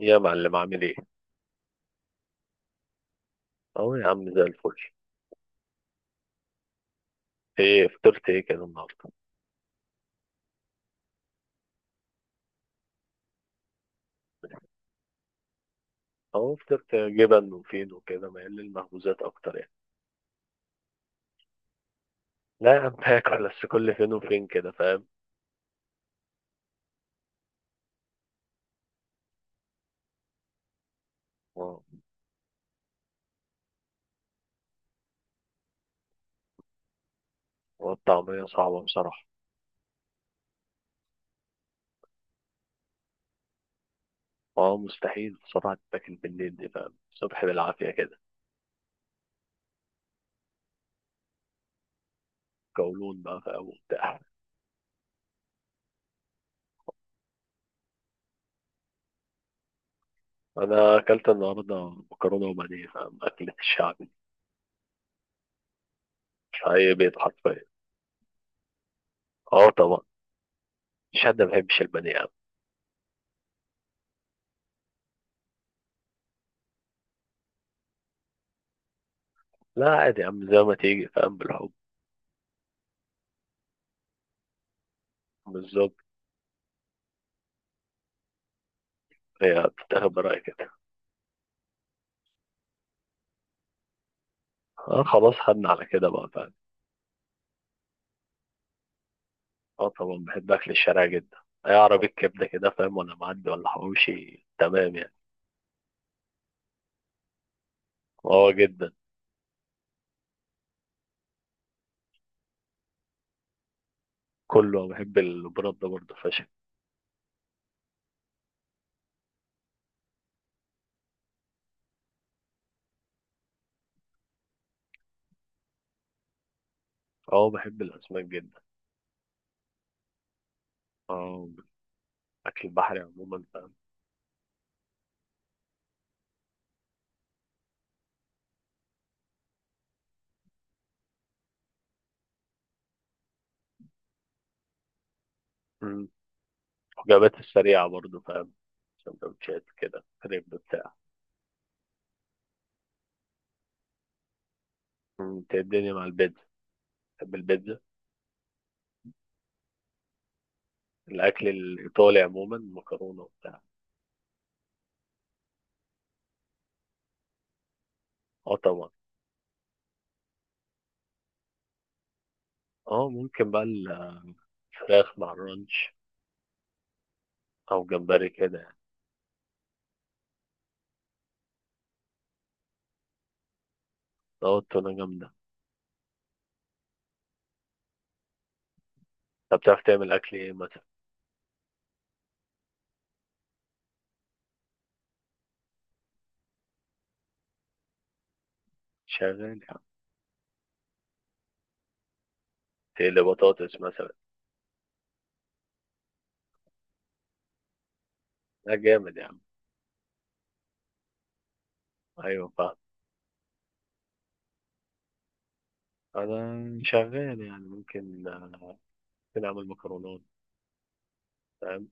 يا معلم عامل ايه؟ اهو يا عم زي الفل. ايه فطرت ايه كده النهارده؟ اهو فطرت جبن وفين وكده مايل للمخبوزات اكتر يعني. لا يا عم باكل بس كل فين وفين كده فاهم؟ و- والطعمية صعبة بصراحة. اه مستحيل بصراحة تتاكل بالليل دي فاهم؟ الصبح بالعافية كده. قولون بقى فاهم وبتاع. انا اكلت النهارده مكرونة وبانيه فاهم؟ اكلة الشعب دي في اي بيت حرفيا. اه طبعا. مش حد ما بيحبش البانيه يا عم. لا عادي يا عم زي ما تيجي فاهم بالحب. بالظبط. هي بتتاخد برأي كده. اه خلاص خدنا على كده بقى فاهم. اه طبعا بحب اكل الشارع جدا. اي عربية كبدة كده فاهم وانا معدي ولا حواوشي تمام يعني. اه جدا. كله بحب البرد ده برضه فشخ. اه بحب الاسماك جدا. اه اكل البحري عموما فاهم. مم. وجبات السريعة برضه فاهم. سندوتشات كده كريب بتاع. مم. إنت إيه الدنيا مع البيتزا؟ بحب البيتزا. الاكل الايطالي عموما مكرونة وبتاع. اه طبعا. اه ممكن بقى الفراخ مع الرانش او جمبري كده يعني. اه التونة جامدة. طب بتعرف تعمل أكل إيه مثلا؟ شغال يا عم. تقلي بطاطس مثلا. لا جامد يا عم. أيوة فاهم. أنا شغال يعني ممكن أعمل مكرونات فاهم.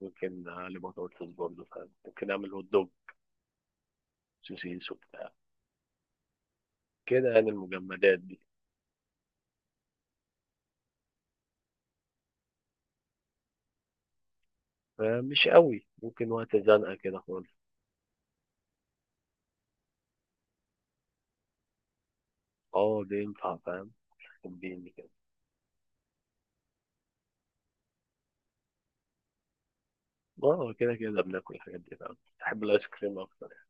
ممكن أقلي بطاطس برضه فاهم. ممكن أعمل هوت دوج سوسيس وبتاع. كده يعني المجمدات دي. مش قوي ممكن وقت زنقة كده خالص. اه ده ينفع فاهم. تديني كده. اه كده كده بناكل الحاجات دي فاهم بحب الآيس كريم أكتر يعني.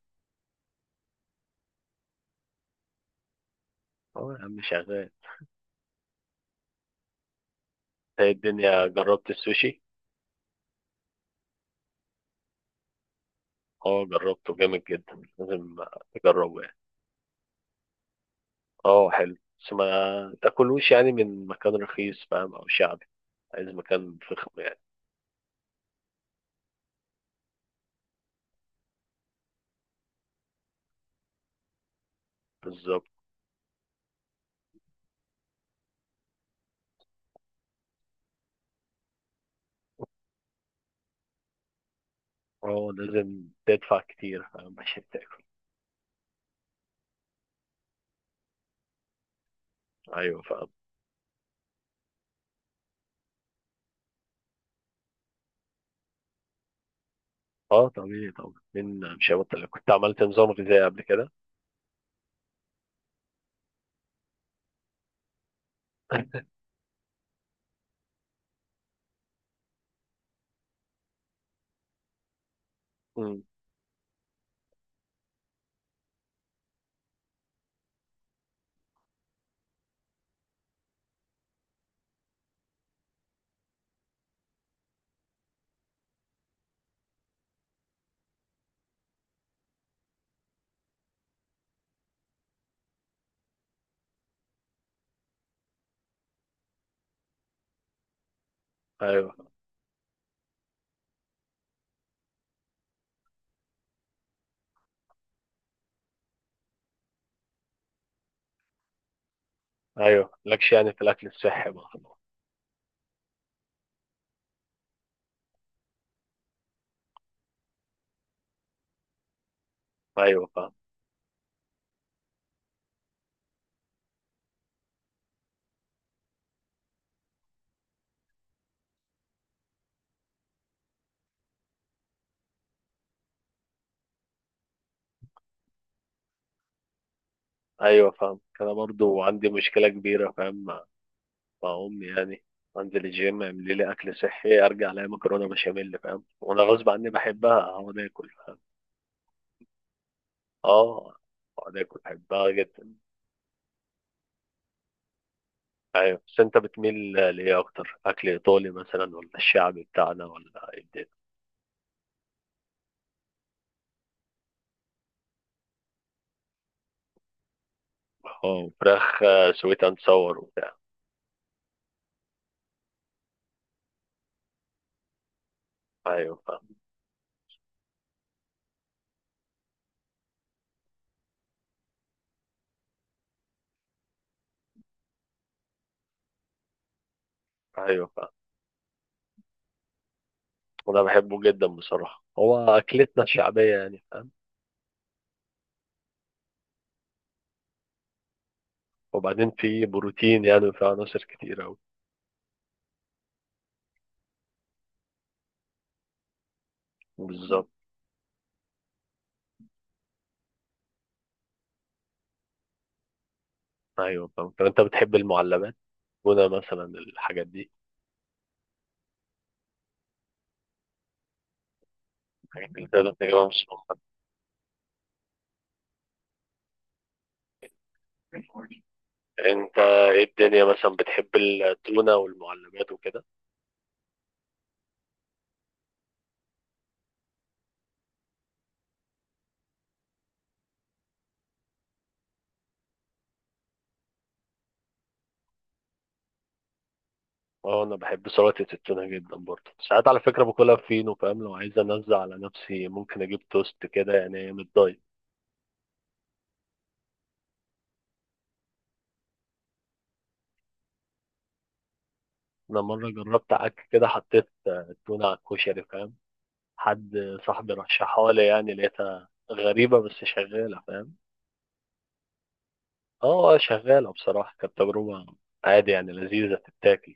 اه يا عم شغال. إيه الدنيا جربت السوشي؟ اه جربته جامد جدا لازم تجربه يعني. اه حلو. بس ما تاكلوش يعني من مكان رخيص فاهم او شعبي. عايز مكان فخم يعني. بالظبط. اه لازم تدفع كتير فاهم عشان تاكل. ايوه فاهم. اه طبيعي طبعا من مش هبطل كنت عملت نظام غذائي قبل كده. امم. ايوه ايوه مالكش يعني في الاكل الصحي بقى خلاص. ايوه فاهم. ايوه فاهم انا برضو عندي مشكله كبيره فاهم. بقوم يعني انزل الجيم اعمل لي اكل صحي ارجع الاقي مكرونه بشاميل فاهم وانا غصب عني بحبها اقعد اكل فاهم. اه اقعد اكل بحبها جدا. ايوه بس انت بتميل لايه اكتر اكل ايطالي مثلا ولا الشعبي بتاعنا ولا ايه الدنيا؟ اه فراخ. سويت اند صور وبتاع. ايوه فاهم. ايوه فاهم وانا بحبه جدا بصراحه هو اكلتنا الشعبيه يعني فاهم. وبعدين فيه بروتين يعني وفيه عناصر كتير اوي. بالظبط. ايوه فاهم. طب انت بتحب المعلبات موجودة مثلا الحاجات دي، الحاجات اللي تقدر تجيبها من السوبر ماركت؟ انت ايه الدنيا مثلا بتحب التونة والمعلبات وكده؟ اه انا بحب سلطة التونة جدا برضه ساعات، على فكرة باكلها فينو فاهم لو عايز انزع على نفسي ممكن اجيب توست كده يعني من الدايت. انا مرة جربت عك كده حطيت التونة على الكشري فاهم. حد صاحبي رشحها لي يعني لقيتها غريبة بس شغالة فاهم. اه شغالة بصراحة كانت تجربة عادي يعني، لذيذة تتاكل.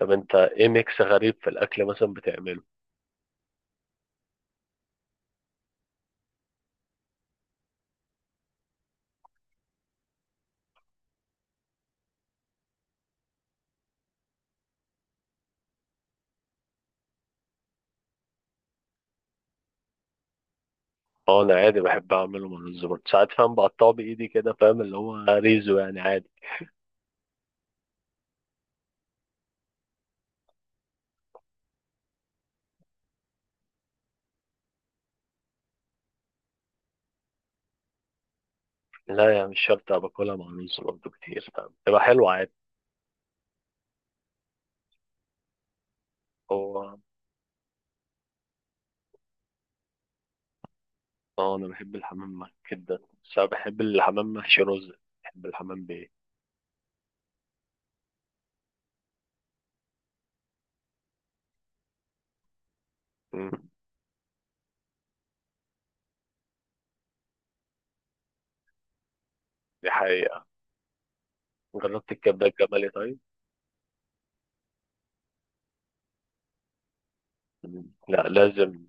طب انت ايه ميكس غريب في الاكل مثلا بتعمله؟ اه انا عادي بحب اعمله مع الرز برضه ساعات فاهم، بقطعه بايدي كده فاهم اللي هو ريزو يعني عادي. لا يعني مش شرط أبقى باكلها مع الرز، برضه كتير فاهم تبقى حلوه عادي. هو اه انا بحب الحمام محشي جدا. بس انا بحب الحمام محشي رز. بحب الحمام بايه. مم. دي حقيقة. جربت الكبدة الجمالي طيب؟ مم. لا لازم.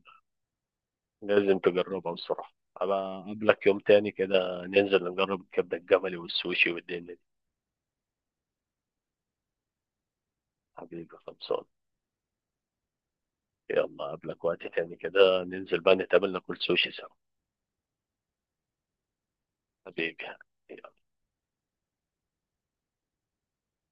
لازم تجربها بصراحة، أبقى أقابلك يوم تاني كده ننزل نجرب الكبدة الجملي والسوشي والدنيا دي. حبيبي خلصان. يلا قبلك وقت تاني كده ننزل بقى نتقابل ناكل سوشي سوا. حبيبي.